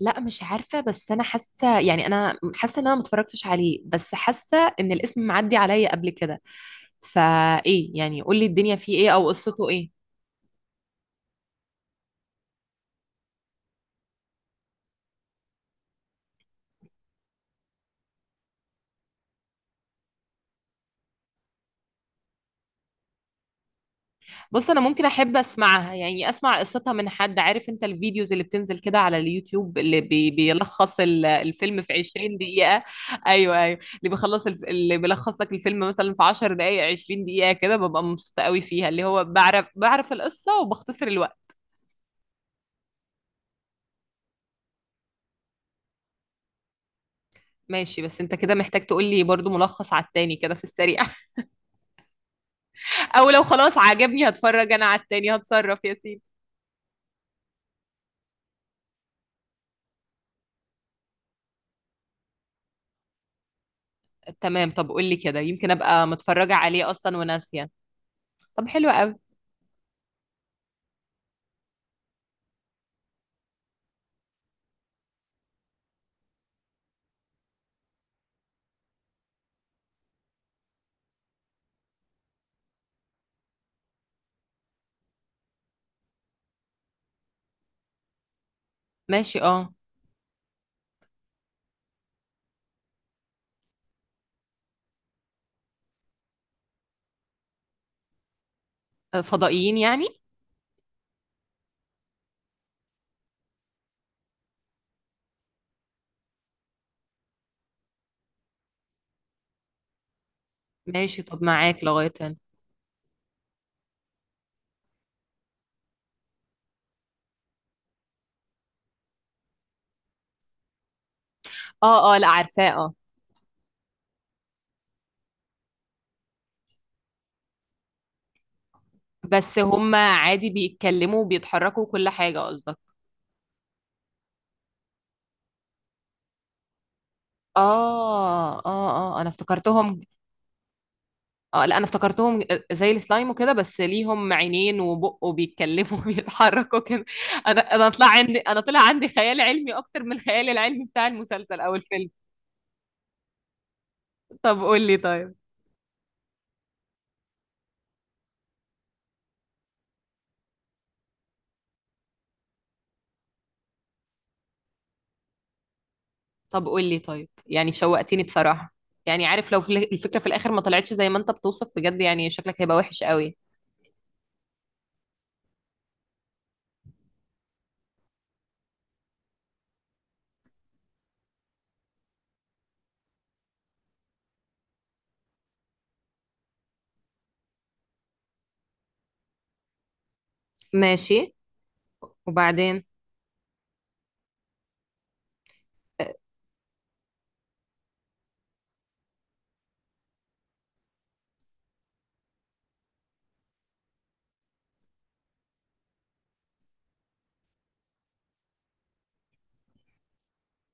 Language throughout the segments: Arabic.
لا، مش عارفة. بس أنا حاسة، يعني حاسة إن أنا متفرجتش عليه، بس حاسة إن الاسم معدي عليا قبل كده. فإيه يعني؟ قولي الدنيا فيه إيه أو قصته إيه؟ بص أنا ممكن أحب أسمعها، يعني أسمع قصتها من حد عارف. أنت الفيديوز اللي بتنزل كده على اليوتيوب اللي بيلخص الفيلم في 20 دقيقة. أيوه أيوه، اللي اللي بيلخص لك الفيلم مثلا في 10 دقايق، 20 دقيقة كده، ببقى مبسوطة قوي فيها، اللي هو بعرف القصة وبختصر الوقت. ماشي، بس انت كده محتاج تقول لي برضو ملخص على التاني كده في السريع. او لو خلاص عجبني هتفرج انا على التاني، هتصرف يا سيدي. تمام، طب قول لي كده، يمكن ابقى متفرجة عليه اصلا وناسية. طب حلو قوي. ماشي، اه. فضائيين يعني. ماشي طب، معاك لغاية هنا. اه اه، لا عارفاه، اه. بس هم عادي بيتكلموا وبيتحركوا وكل حاجة قصدك؟ اه اه، اه انا افتكرتهم. اه لا انا افتكرتهم، زي السلايم وكده، بس ليهم عينين وبق وبيتكلموا وبيتحركوا كده. انا طلع عندي، طلع عندي خيال علمي اكتر من الخيال العلمي بتاع المسلسل او الفيلم. طب قول لي طيب. طب قول لي طيب، يعني شوقتني بصراحة. يعني عارف لو في الفكرة في الاخر ما طلعتش زي ما انت بتوصف بجد، يعني شكلك هيبقى وحش قوي. ماشي، وبعدين؟ آه.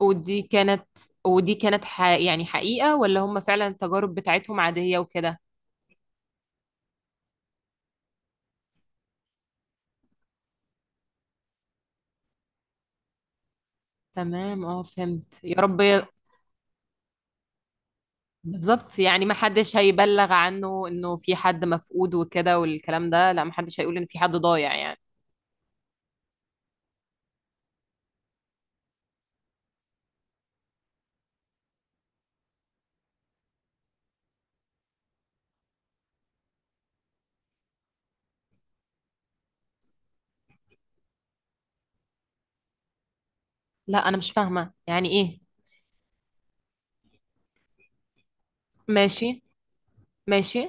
ودي كانت ودي كانت يعني حقيقة، ولا هم فعلا التجارب بتاعتهم عادية وكده؟ تمام اه، فهمت يا رب. بالظبط، يعني ما حدش هيبلغ عنه انه في حد مفقود وكده والكلام ده، لا، ما حدش هيقول ان في حد ضايع يعني. لا انا مش فاهمة يعني ايه. ماشي. ماشي.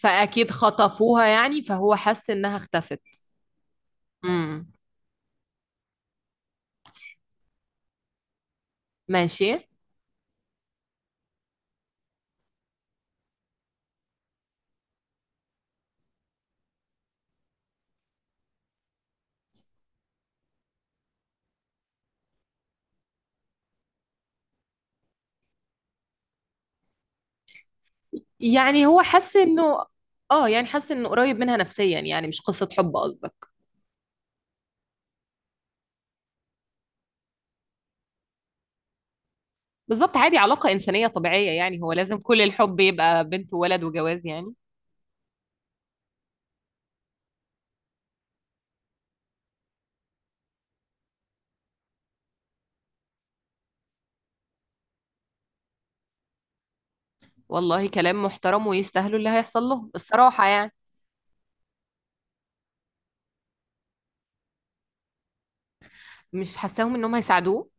فاكيد خطفوها يعني، فهو حس انها اختفت. امم. ماشي. يعني هو حس انه، اه، يعني حس انه قريب منها نفسيا، يعني مش قصة حب قصدك؟ بالظبط، عادي علاقة انسانية طبيعية، يعني هو لازم كل الحب يبقى بنت وولد وجواز يعني؟ والله كلام محترم، ويستاهلوا اللي هيحصل لهم الصراحة يعني. مش حاساهم انهم هيساعدوه.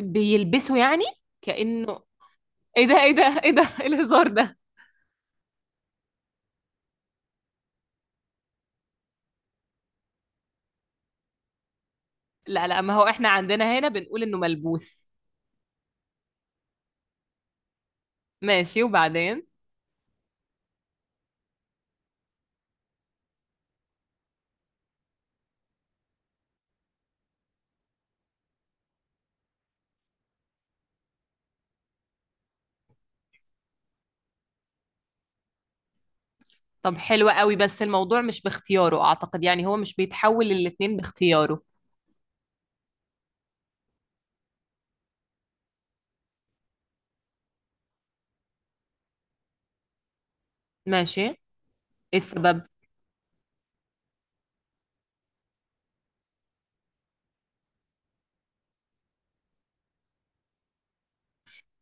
بيلبسوا يعني؟ كأنه. ايه ده ايه ده ايه ده إيه الهزار ده؟ لا لا، ما هو احنا عندنا هنا بنقول انه ملبوس. ماشي، وبعدين؟ طب حلو قوي، بس الموضوع مش باختياره اعتقد، يعني هو مش بيتحول للاتنين باختياره. ماشي، ايه السبب؟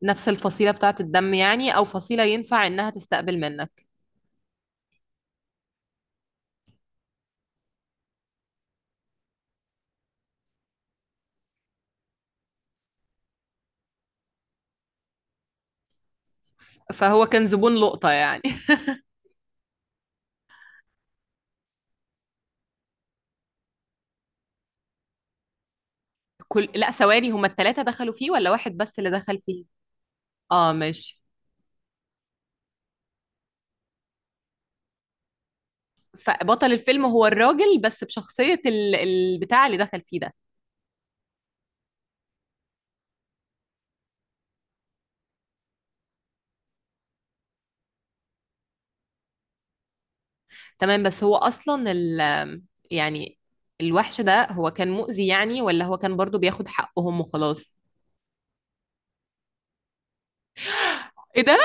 نفس الفصيلة بتاعة الدم يعني، او فصيلة ينفع انها تستقبل منك. فهو كان زبون لقطة يعني. كل، لا ثواني، هما التلاتة دخلوا فيه ولا واحد بس اللي دخل فيه؟ اه ماشي. فبطل الفيلم هو الراجل، بس بشخصية البتاع اللي دخل فيه ده؟ تمام، بس هو أصلا يعني الوحش ده هو كان مؤذي يعني، ولا هو كان برضو بياخد حقهم وخلاص؟ ايه ده؟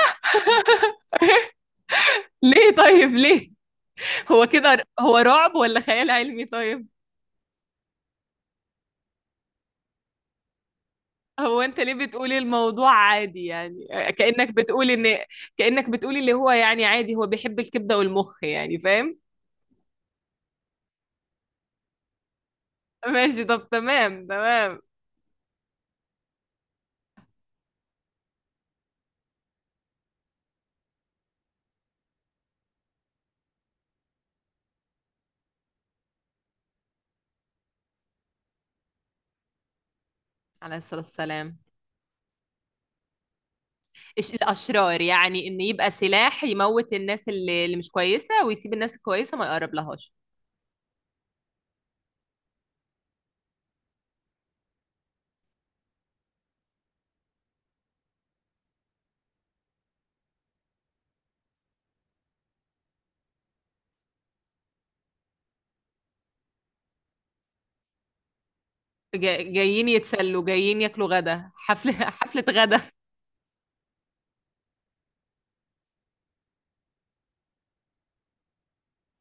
ليه طيب ليه؟ هو كده هو رعب ولا خيال علمي طيب؟ هو انت ليه بتقولي الموضوع عادي يعني؟ كأنك بتقولي ان، كأنك بتقولي اللي هو يعني عادي، هو بيحب الكبدة والمخ يعني، فاهم؟ ماشي طب، تمام تمام. عليه الصلاة والسلام. الأشرار يعني، إن يبقى سلاح يموت الناس اللي مش كويسة، ويسيب الناس الكويسة ما يقرب لهاش. جايين يتسلوا، جايين ياكلوا غدا، حفلة حفلة غدا.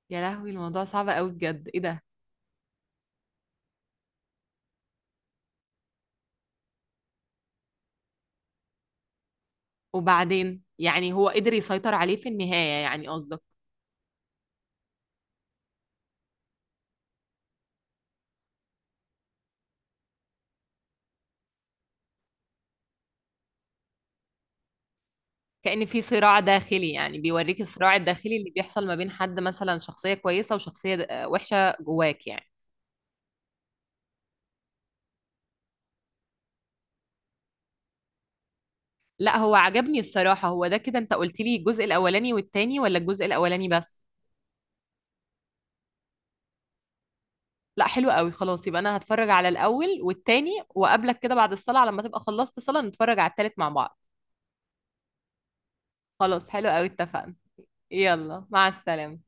يا لهوي، الموضوع صعب قوي بجد، إيه ده؟ وبعدين يعني هو قدر يسيطر عليه في النهاية يعني قصدك؟ كأن في صراع داخلي يعني، بيوريك الصراع الداخلي اللي بيحصل ما بين حد مثلا شخصية كويسة وشخصية وحشة جواك يعني. لا هو عجبني الصراحة. هو ده كده، انت قلت لي الجزء الأولاني والتاني، ولا الجزء الأولاني بس؟ لا حلو قوي، خلاص يبقى انا هتفرج على الاول والتاني، وقابلك كده بعد الصلاة لما تبقى خلصت صلاة نتفرج على التالت مع بعض. خلاص حلو قوي، اتفقنا. يلا مع السلامة.